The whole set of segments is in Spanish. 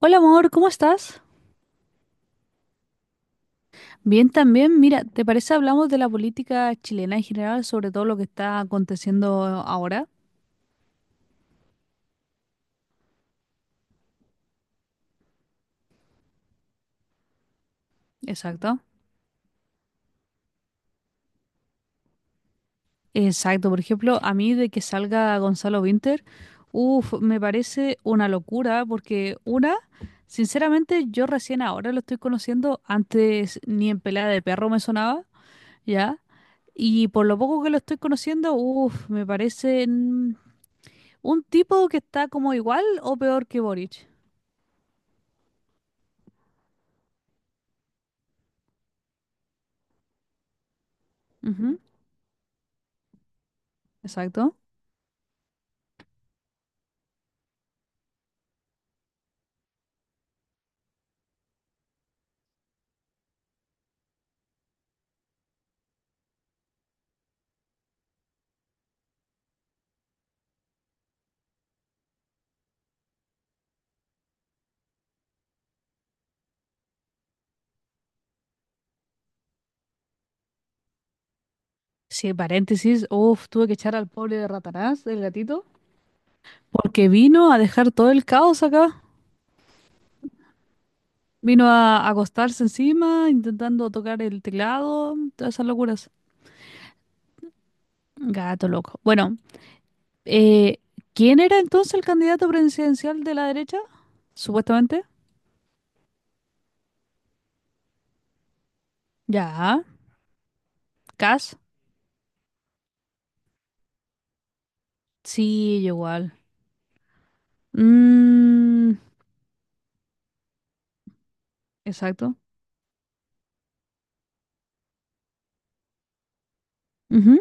Hola amor, ¿cómo estás? Bien también. Mira, ¿te parece hablamos de la política chilena en general, sobre todo lo que está aconteciendo ahora? Exacto. Exacto. Por ejemplo, a mí de que salga Gonzalo Winter, uff, me parece una locura porque una, sinceramente, yo recién ahora lo estoy conociendo, antes ni en pelea de perro me sonaba, ¿ya? Y por lo poco que lo estoy conociendo, uff, me parece un tipo que está como igual o peor que Boric. Ujú, exacto. Sí, paréntesis, uff, tuve que echar al pobre de Ratanás, el gatito, porque vino a dejar todo el caos acá. Vino a acostarse encima, intentando tocar el teclado, todas esas locuras. Gato loco. Bueno, eh, ¿quién era entonces el candidato presidencial de la derecha? Supuestamente. Ya, Cas. Sí, yo igual. Mm, exacto. Ujú,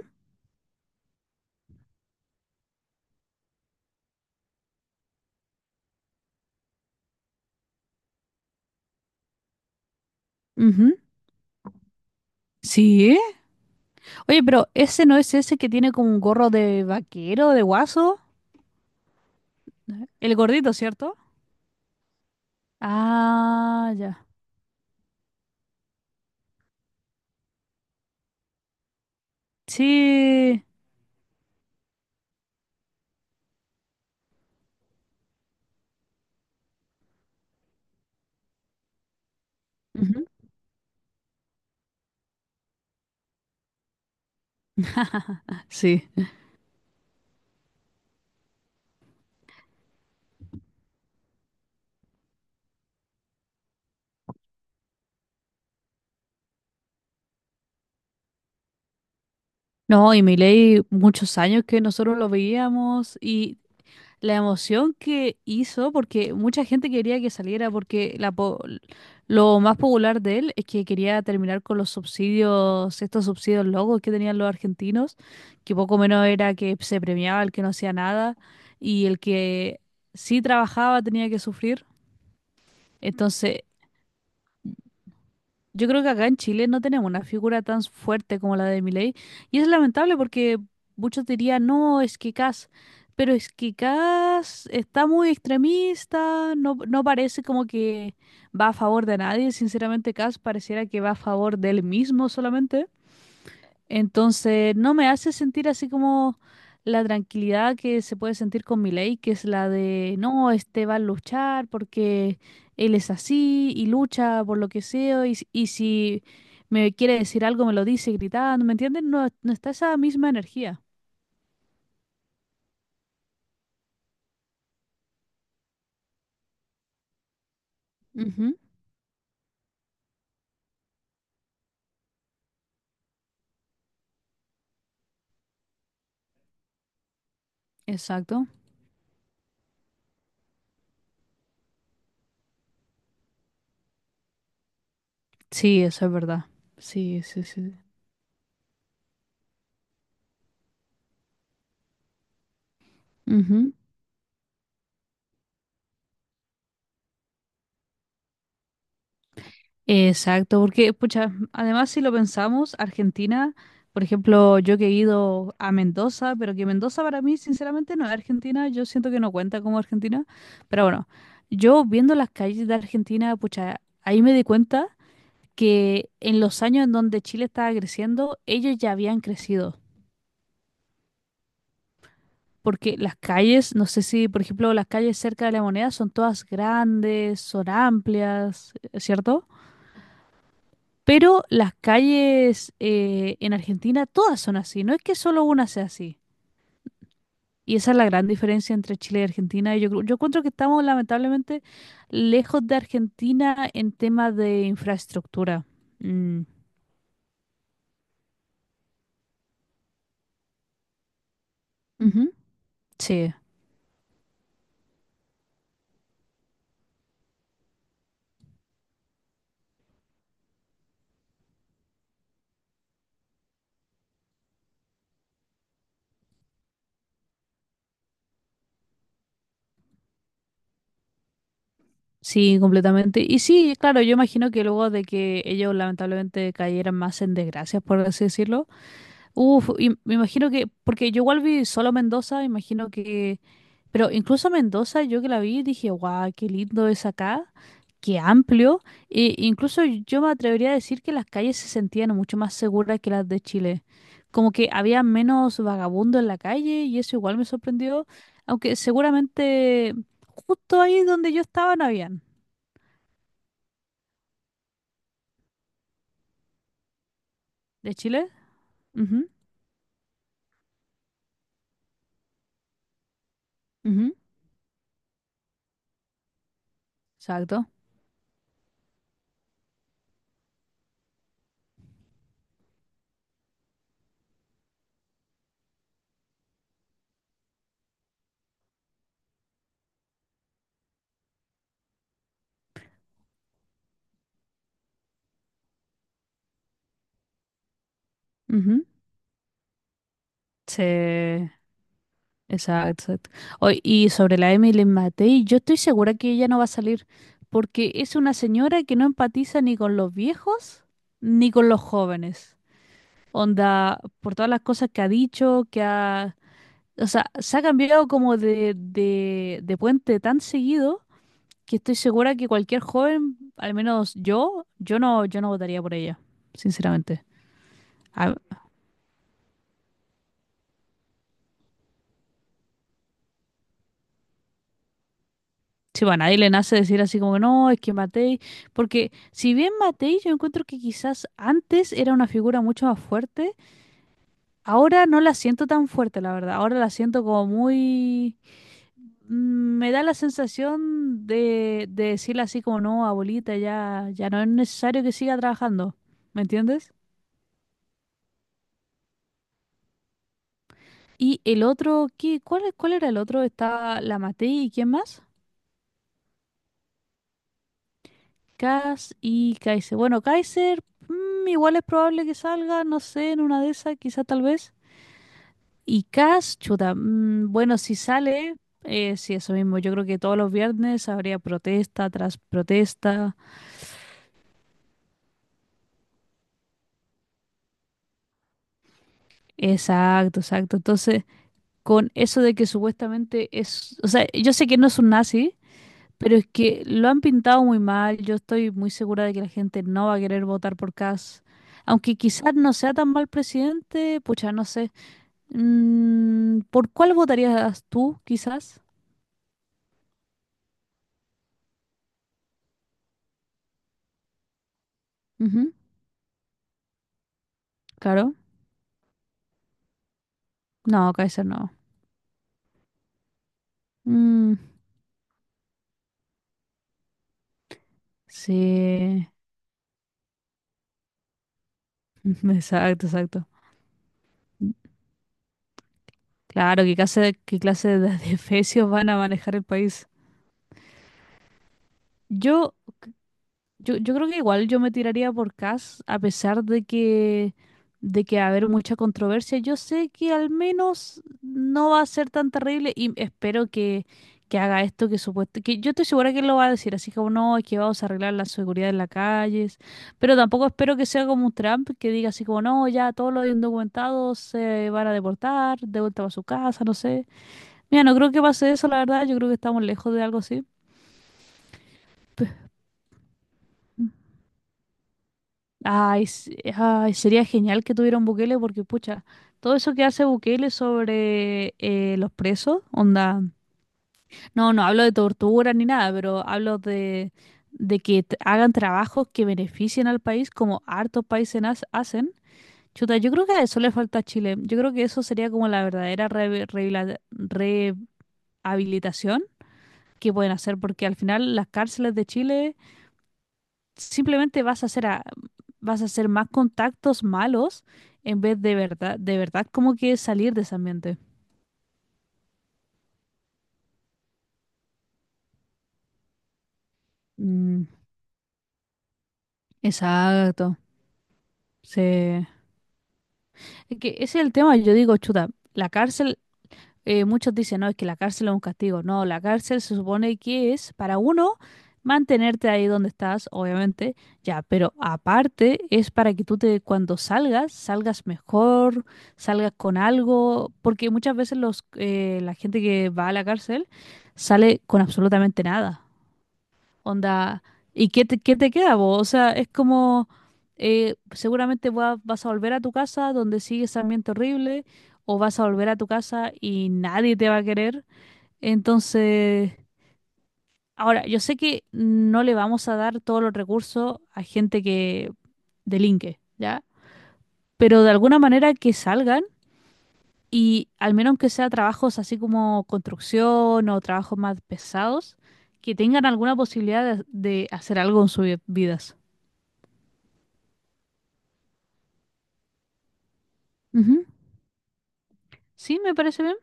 ujú. Sí. Oye, pero ese no es ese que tiene como un gorro de vaquero, de guaso. El gordito, ¿cierto? Ah, ya. Sí. Ujú. Sí. No, y Milei, muchos años que nosotros lo veíamos y la emoción que hizo, porque mucha gente quería que saliera, porque lo más popular de él es que quería terminar con los subsidios, estos subsidios locos que tenían los argentinos, que poco menos era que se premiaba el que no hacía nada y el que sí trabajaba tenía que sufrir. Entonces, yo creo que acá en Chile no tenemos una figura tan fuerte como la de Milei. Y es lamentable porque muchos dirían, no, es que Kast, pero es que Kast está muy extremista, no, no parece como que va a favor de nadie. Sinceramente, Kast pareciera que va a favor de él mismo solamente. Entonces, no me hace sentir así como la tranquilidad que se puede sentir con Milei, que es la de, no, este va a luchar porque él es así y lucha por lo que sea y, y si me quiere decir algo me lo dice gritando, ¿me entiendes? No, no está esa misma energía. Ujú, exacto. Sí, eso es verdad. Sí, sí, sí. Ujú. Exacto, porque, pucha, además si lo pensamos, Argentina, por ejemplo, yo que he ido a Mendoza, pero que Mendoza para mí, sinceramente, no es Argentina, yo siento que no cuenta como Argentina, pero bueno, yo viendo las calles de Argentina, pucha, ahí me di cuenta que en los años en donde Chile estaba creciendo, ellos ya habían crecido, porque las calles, no sé si, por ejemplo, las calles cerca de La Moneda son todas grandes, son amplias, ¿cierto? Pero las calles en Argentina todas son así, no es que solo una sea así. Y esa es la gran diferencia entre Chile y Argentina. Y yo, yo encuentro que estamos lamentablemente lejos de Argentina en temas de infraestructura. Mm, ujú, sí, sí, completamente. Y sí, claro, yo imagino que luego de que ellos lamentablemente cayeran más en desgracias, por así decirlo. Uf, y me imagino que, porque yo igual vi solo Mendoza, imagino que pero incluso Mendoza, yo que la vi, dije, guau, qué lindo es acá, qué amplio. E incluso yo me atrevería a decir que las calles se sentían mucho más seguras que las de Chile. Como que había menos vagabundo en la calle y eso igual me sorprendió. Aunque seguramente justo ahí donde yo estaba no habían. ¿De Chile? Ujú, ujú, exacto, ujú. Sí. Exacto, exacto. Oy, y sobre la Emily Matei, yo estoy segura que ella no va a salir, porque es una señora que no empatiza ni con los viejos ni con los jóvenes. Onda, por todas las cosas que ha dicho, que ha... O sea, se ha cambiado como de puente tan seguido que estoy segura que cualquier joven, al menos yo, yo no votaría por ella, sinceramente. A- Sí, bueno, ahí le nace decir así como, no, es que Matei, porque si bien Matei yo encuentro que quizás antes era una figura mucho más fuerte, ahora no la siento tan fuerte, la verdad, ahora la siento como muy... me da la sensación de decirle así como, no, abuelita, ya no es necesario que siga trabajando, ¿me entiendes? Y el otro, ¿ cuál era el otro? Estaba la Matei y ¿quién más? Cass y Kaiser. Bueno, Kaiser, igual es probable que salga, no sé, en una de esas, quizá tal vez. Y Cass, chuta, bueno, si sale, sí, eso mismo. Yo creo que todos los viernes habría protesta tras protesta. Exacto, exacto. Entonces, con eso de que supuestamente es, o sea, yo sé que no es un nazi, pero es que lo han pintado muy mal. Yo estoy muy segura de que la gente no va a querer votar por Cass. Aunque quizás no sea tan mal presidente, pucha, no sé. Mm, ¿por cuál votarías tú, quizás? Ujú, claro. No, Kaiser no. Mm, sí, exacto, exacto. Claro, ¿ qué clase de de fecios van a manejar el país? Yo Yo, yo creo que igual yo me tiraría por Cass, a pesar de que va a haber mucha controversia. Yo sé que al menos no va a ser tan terrible y espero que haga esto que supuesto, que yo estoy segura que él lo va a decir, así como no, es que vamos a arreglar la seguridad en las calles, pero tampoco espero que sea como un Trump que diga así como no, ya todos los indocumentados se van a deportar, de vuelta a su casa, no sé. Mira, no creo que pase eso, la verdad, yo creo que estamos lejos de algo así. Ay, s- ay, sería genial que tuviera un Bukele porque, pucha, todo eso que hace Bukele sobre los presos, onda, no, no hablo de tortura ni nada, pero hablo de, hagan trabajos que beneficien al país como hartos países hacen. Chuta, yo creo que a eso le falta a Chile. Yo creo que eso sería como la verdadera rehabilitación que pueden hacer porque al final las cárceles de Chile simplemente vas a hacer más contactos malos en vez de verdad como que salir de ese ambiente. Mm, exacto. Sí. Es que ese es el tema, yo digo, chuta, la cárcel muchos dicen, no, es que la cárcel es un castigo. No, la cárcel se supone que es para uno mantenerte ahí donde estás, obviamente, ya, pero aparte es para que tú te, cuando salgas, salgas mejor, salgas con algo, porque muchas veces los, la gente que va a la cárcel sale con absolutamente nada. Onda, ¿ qué te queda vos? O sea, es como, seguramente vas a volver a tu casa donde sigue ese ambiente horrible, o vas a volver a tu casa y nadie te va a querer. Entonces, ahora, yo sé que no le vamos a dar todos los recursos a gente que delinque, ¿ya? Pero de alguna manera que salgan y al menos que sea trabajos así como construcción o trabajos más pesados, que tengan alguna posibilidad de hacer algo en sus vidas. Ujú. Sí, me parece bien.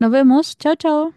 Nos vemos. Chao, chao.